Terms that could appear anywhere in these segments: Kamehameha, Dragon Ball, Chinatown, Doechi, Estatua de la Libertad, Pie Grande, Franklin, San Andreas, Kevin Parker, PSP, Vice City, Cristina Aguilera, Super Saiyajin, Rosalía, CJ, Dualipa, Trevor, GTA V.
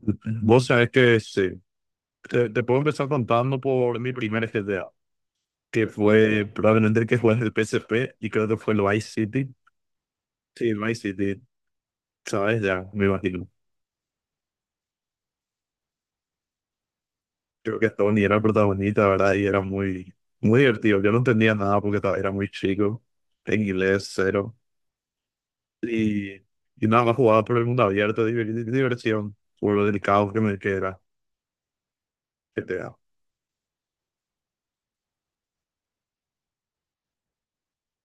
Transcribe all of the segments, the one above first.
Vos sabés que sí. Te puedo empezar contando por mi primer GTA, que fue probablemente el que fue en el PSP y creo que fue el Vice City. Sí, el Vice City, ¿sabes? Ya, me imagino. Creo que Tony era el protagonista, ¿verdad? Y era muy, muy divertido. Yo no entendía nada porque era muy chico, en inglés cero. Y, y nada más jugaba por el mundo abierto, diversión, por lo delicado que era GTA.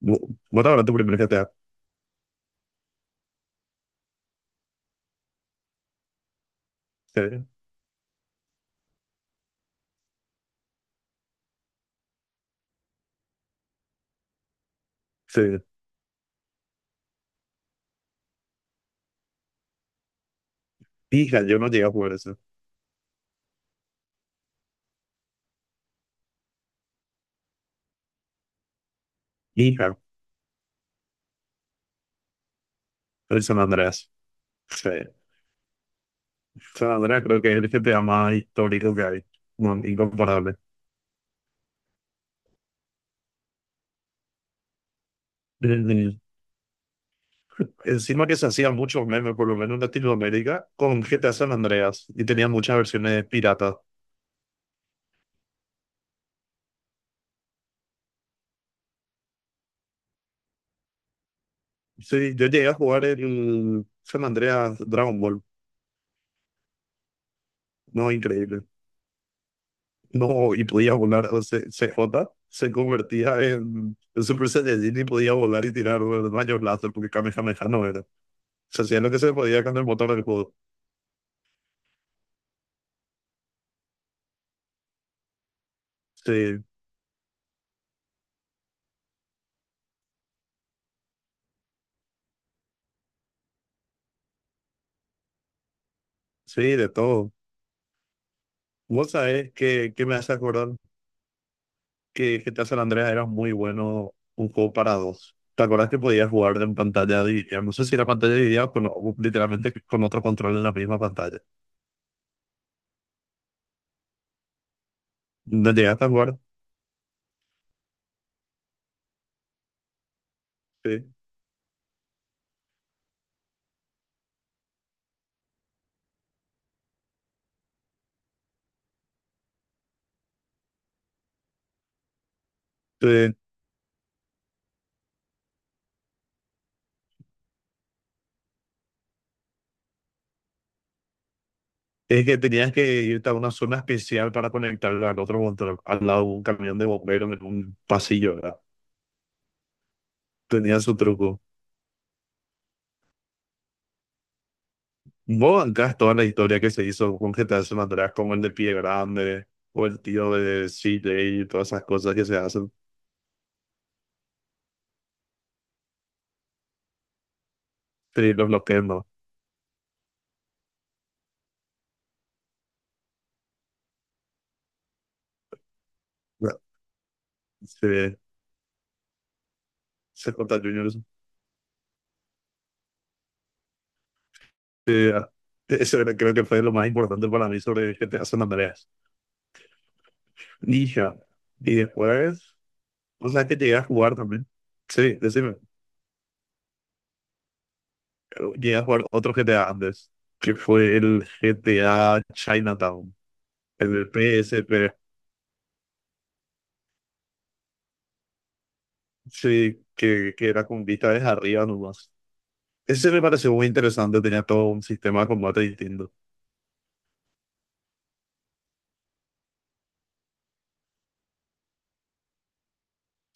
¿Vos vos te acuerdas tu primer GTA? Sí, sí. Hija, yo no llegué a jugar eso. Hija. El San Andreas. Sí. San Andreas creo que es el GTA más histórico que hay. No, incomparable. Eh, Encima que se hacían muchos memes, por lo menos en Latinoamérica, con GTA San Andreas. Y tenían muchas versiones piratas. Sí, yo llegué a jugar el San Andreas Dragon Ball. No, increíble. No, y podía volar. O sea, CJ se convertía en Super Saiyajin y podía volar y tirar rayos láser porque Kamehameha no era. Se hacía lo que se podía con el motor del juego. Sí, sí, de todo. Vos sabés que me hace acordar que GTA San Andreas era muy bueno un juego para dos. ¿Te acordás que podías jugar en pantalla dividida? No sé si era pantalla dividida o o literalmente con otro control en la misma pantalla. ¿No llegaste a jugar? Sí. Sí. Es que tenías que irte a una zona especial para conectarla al otro control, al lado de un camión de bomberos en un pasillo, ¿verdad? Tenía su truco. Vos bancás toda la historia que se hizo con GTA San Andreas, como el de Pie Grande, o el tío de CJ y todas esas cosas que se hacen. Sí, los bloqueé, no. No, Se, se contra Juniors. eh, creo que fue lo más importante para mí sobre GTA San Andreas. Ninja. Y después, o sea, que llegué a jugar también. Sí, decime, llegué a jugar otro GTA antes, que fue el GTA Chinatown, el del PSP. Sí, que era con vista desde arriba nomás. Ese me pareció muy interesante, tenía todo un sistema de combate distinto.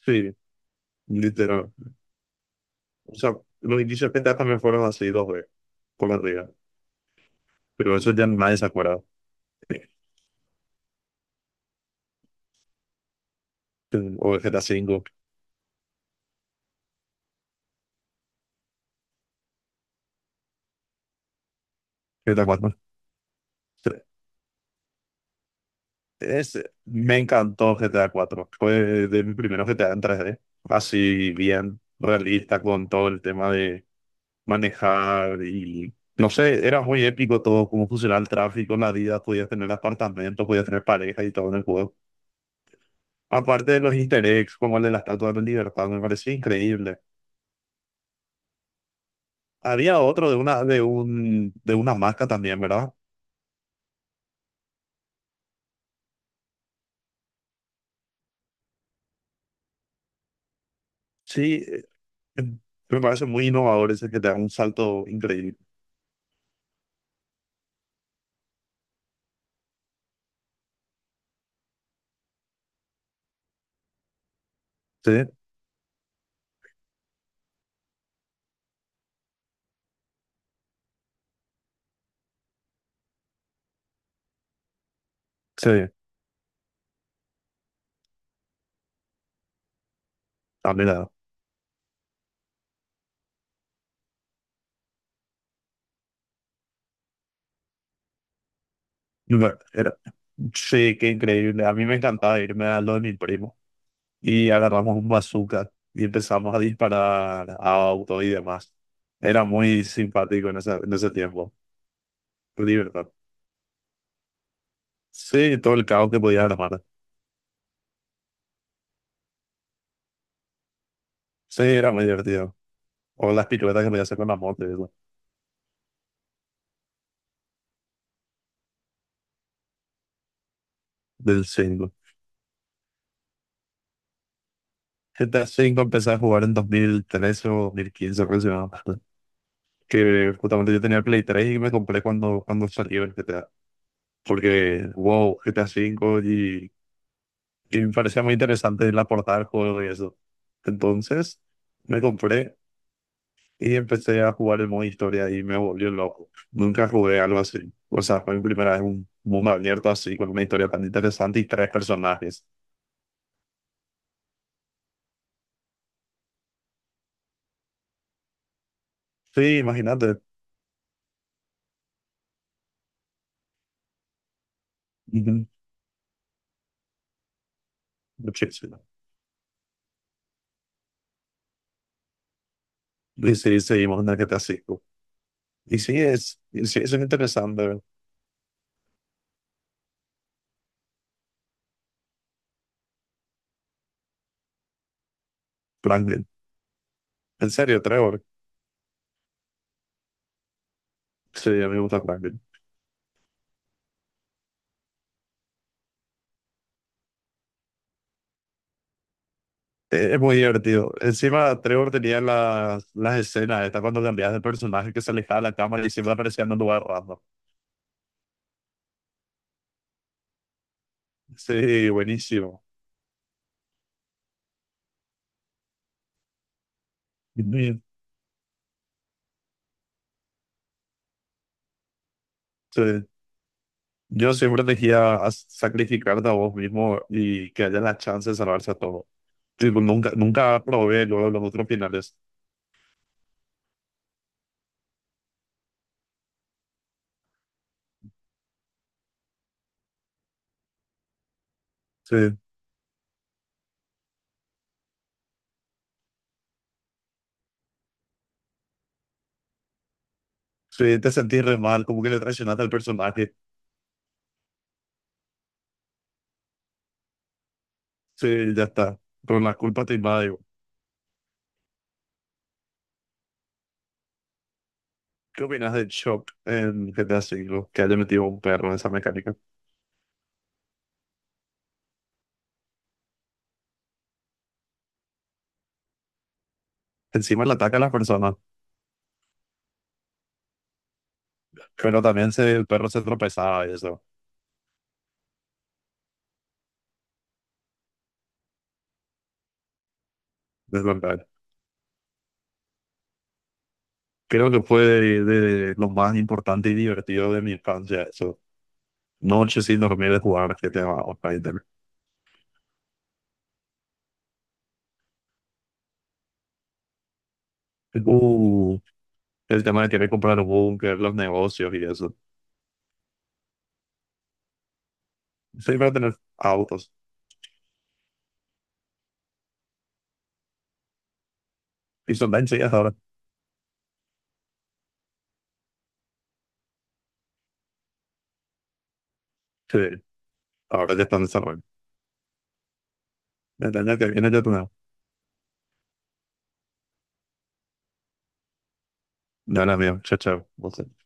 Sí, literal. O sea, los inicios pentas también fueron así dos veces, por arriba. Pero eso ya nadie se acuerda. O el GTA V, GTA cuatro. Es, me encantó GTA cuatro. Fue de mi primer GTA en 3D. Así bien realista con todo el tema de manejar y, no sé, era muy épico todo, cómo funcionaba el tráfico, la vida, podías tener apartamentos, podías tener pareja y todo en el juego. Aparte de los easter eggs, como el de la Estatua de la Libertad, me parecía increíble. Había otro de una marca también, ¿verdad? Sí, me parece muy innovador ese que te da un salto increíble. Sí, sí, también era. Bueno. Sí, qué increíble. A mí me encantaba irme a lo de mi primo y agarramos un bazooka y empezamos a disparar a autos y demás. Era muy simpático en ese tiempo. Libertad. Sí, todo el caos que podía armar. Sí, era muy divertido. O las piruetas que podía hacer con la moto y eso, del 5. GTA cinco empecé a jugar en 2013 o 2015 aproximadamente. Que justamente yo tenía el Play 3 y me compré cuando salió el GTA. Porque, wow, GTA cinco y me parecía muy interesante la portada del juego y eso. Entonces me compré y empecé a jugar el modo historia y me volvió loco. Nunca jugué algo así. O sea, fue mi primera vez en un mundo abierto así, con una historia tan interesante y tres personajes. Sí, imagínate. Ujú. Muchísimo. Y sí, seguimos en el GTA V. Y sí, es un interesante. Franklin. En serio, Trevor. Sí, a mí me gusta Franklin. Es muy divertido. Encima, Trevor tenía las escenas, está cuando cambiabas de personaje que se alejaba de la cámara y siempre aparecía en un lugar raro. Sí, buenísimo. Sí. Yo siempre elegía a sacrificarte a vos mismo y que haya la chance de salvarse a todo. Tipo, nunca, nunca probé luego los otros finales. Sí, sí, te sentís re mal, como que le traicionaste al personaje. Sí, ya está. Pero la culpa te invade. ¿Qué opinas de Shock en GTA V? Que haya metido un perro en esa mecánica. Encima le ataca a las personas, pero también el perro se tropezaba y eso. Es verdad. Creo que fue de lo más importante y divertido de mi infancia, eso. Noche sin dormir de jugar GTA Online. Uh, el tema de querer comprar un búnker, los negocios y eso. Siempre tener autos. Y son tan chidas ahora. Sí, ahora ya están desarrollando. El año que viene ya tenemos. No, no, mío. Chao, chao. Vos